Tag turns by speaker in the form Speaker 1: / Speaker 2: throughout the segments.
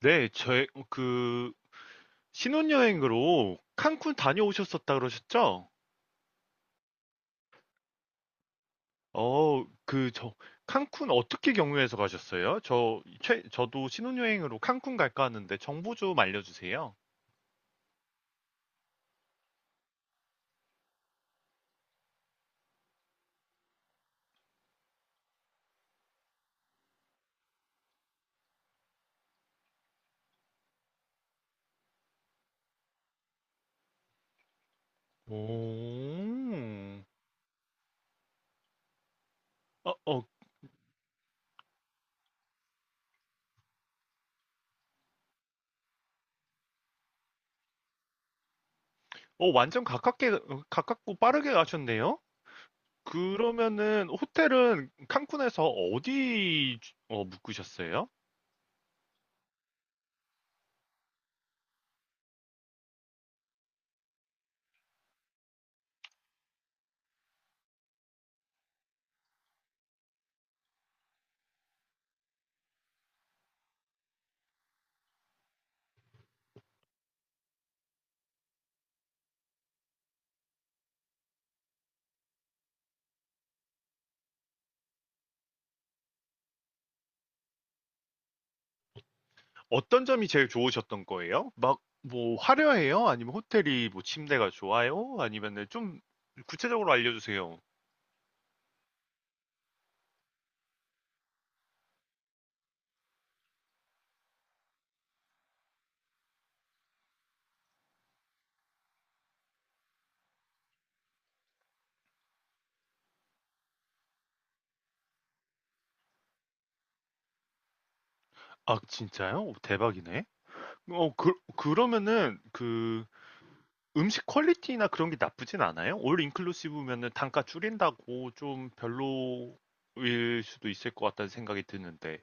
Speaker 1: 네, 그, 신혼여행으로 칸쿤 다녀오셨었다 그러셨죠? 어, 그, 저, 칸쿤 어떻게 경유해서 가셨어요? 저도 신혼여행으로 칸쿤 갈까 하는데 정보 좀 알려주세요. 오, 어, 어, 가깝고 빠르게 가셨네요? 그러면은, 호텔은 칸쿤에서 어디, 묵으셨어요? 어떤 점이 제일 좋으셨던 거예요? 막 뭐 화려해요? 아니면 호텔이 뭐 침대가 좋아요? 아니면은 좀 구체적으로 알려주세요. 아, 진짜요? 오, 대박이네. 그러면은 그 음식 퀄리티나 그런 게 나쁘진 않아요? 올 인클루시브면은 단가 줄인다고 좀 별로일 수도 있을 것 같다는 생각이 드는데.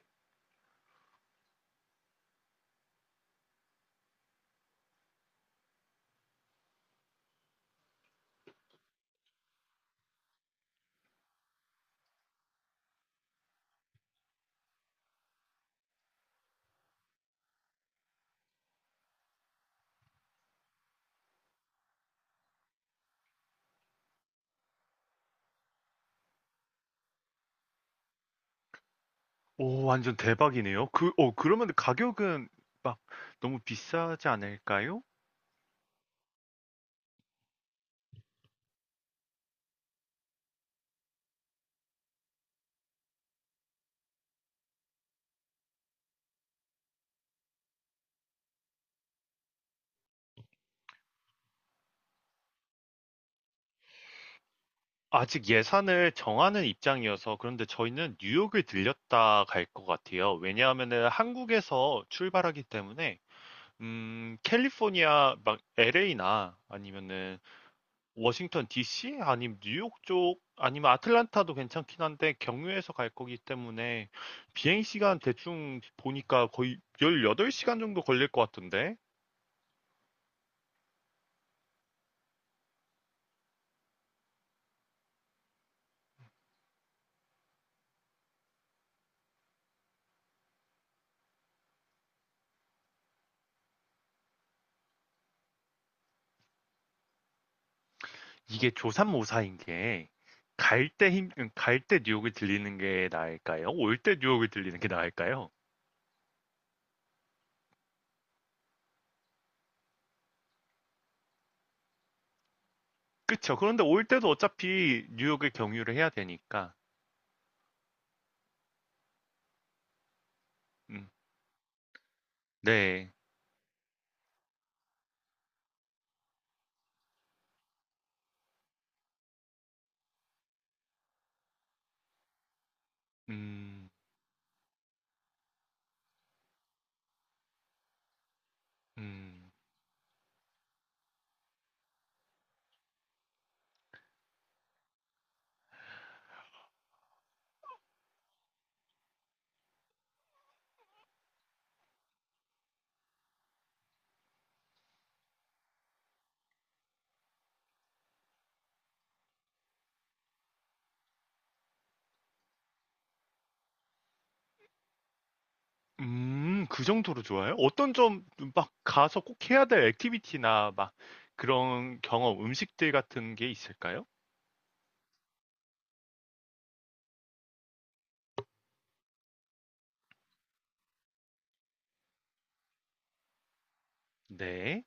Speaker 1: 오, 완전 대박이네요. 그러면 가격은 막 너무 비싸지 않을까요? 아직 예산을 정하는 입장이어서 그런데 저희는 뉴욕을 들렸다 갈 것 같아요. 왜냐하면은 한국에서 출발하기 때문에 캘리포니아 막 LA나 아니면은 워싱턴 DC 아니면 뉴욕 쪽 아니면 아틀란타도 괜찮긴 한데 경유해서 갈 거기 때문에 비행 시간 대충 보니까 거의 18시간 정도 걸릴 것 같은데. 이게 조삼모사인 게 갈때 뉴욕이 들리는 게 나을까요? 올 때 뉴욕이 들리는 게 나을까요? 그쵸. 그런데 올 때도 어차피 뉴욕에 경유를 해야 되니까. 음, 네. 음, 음, 그 정도로 좋아요? 어떤 점 막 가서 꼭 해야 될 액티비티나 막 그런 경험, 음식들 같은 게 있을까요? 네.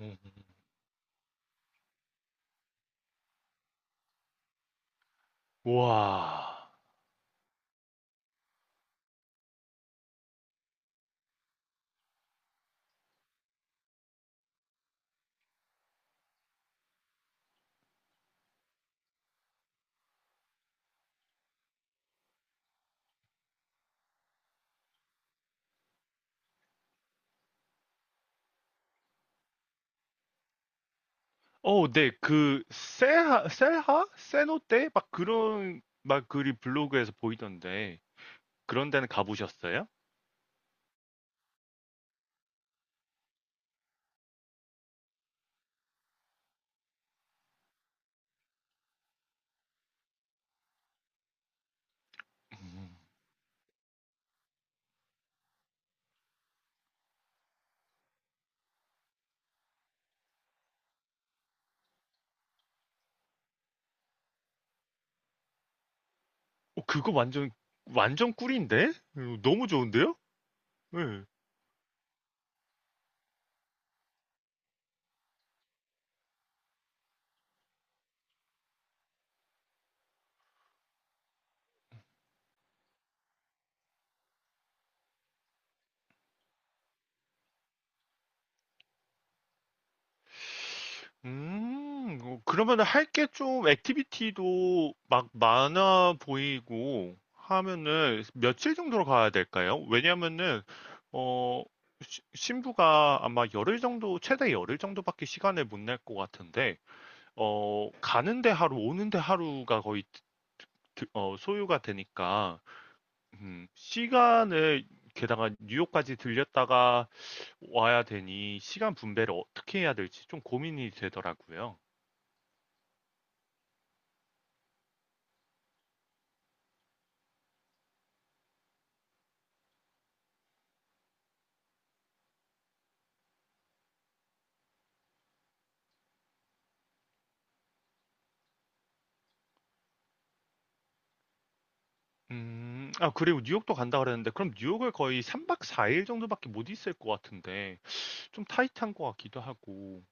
Speaker 1: 음, 와. 네, 셀하, 셀하? 세노테? 막 그런, 막 글이 블로그에서 보이던데, 그런 데는 가보셨어요? 음. 그거 완전, 완전 꿀인데? 너무 좋은데요? 네. 그러면 할 게 좀, 액티비티도 막 많아 보이고 하면은 며칠 정도로 가야 될까요? 왜냐면은, 어, 신부가 아마 열흘 정도, 최대 열흘 정도밖에 시간을 못 낼 것 같은데, 가는데 하루, 오는데 하루가 거의 소요가 되니까, 시간을, 게다가 뉴욕까지 들렸다가 와야 되니, 시간 분배를 어떻게 해야 될지 좀 고민이 되더라고요. 아, 그리고 뉴욕도 간다 그랬는데, 그럼 뉴욕을 거의 3박 4일 정도밖에 못 있을 것 같은데, 좀 타이트한 것 같기도 하고,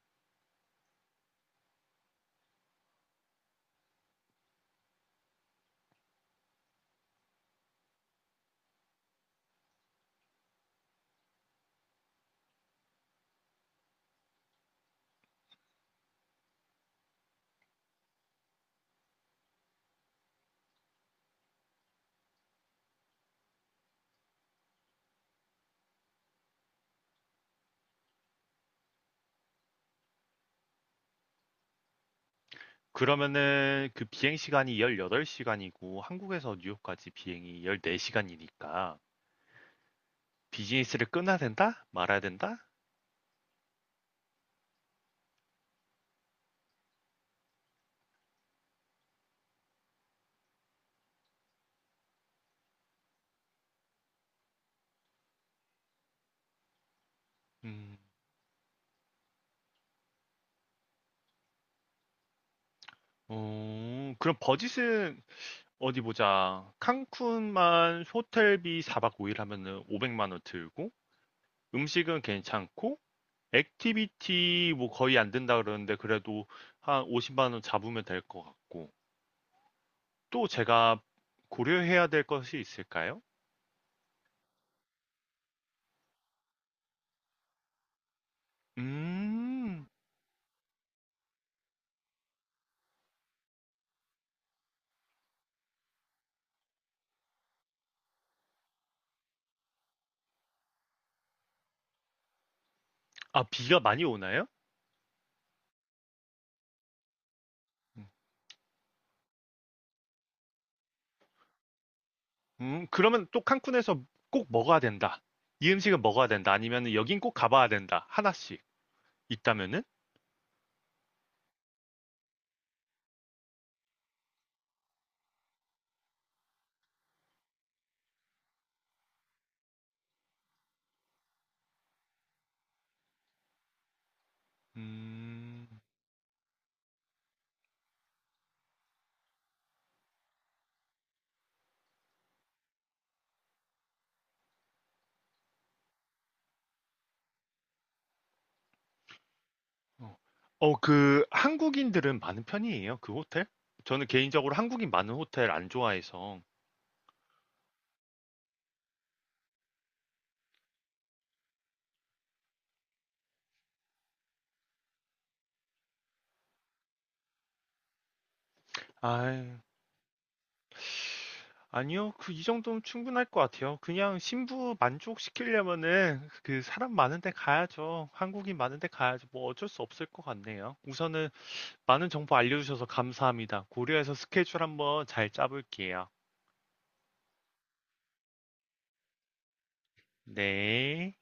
Speaker 1: 그러면은 그 비행 시간이 18시간이고, 한국에서 뉴욕까지 비행이 14시간이니까, 비즈니스를 끊어야 된다? 말아야 된다? 음. 그럼 버짓은 어디 보자. 칸쿤만 호텔비 4박 5일 하면은 500만 원 들고 음식은 괜찮고 액티비티 뭐 거의 안된다 그러는데 그래도 한 50만 원 잡으면 될 것 같고 또 제가 고려해야 될 것이 있을까요? 음. 아, 비가 많이 오나요? 그러면 또 칸쿤에서 꼭 먹어야 된다. 이 음식은 먹어야 된다. 아니면 여긴 꼭 가봐야 된다. 하나씩 있다면은? 음. 어. 그 한국인들은 많은 편이에요? 그 호텔? 저는 개인적으로 한국인 많은 호텔 안 좋아해서. 아, 아니요. 이 정도면 충분할 것 같아요. 그냥 신부 만족시키려면은 그 사람 많은 데 가야죠. 한국인 많은 데 가야죠. 뭐 어쩔 수 없을 것 같네요. 우선은 많은 정보 알려주셔서 감사합니다. 고려해서 스케줄 한번 잘 짜볼게요. 네.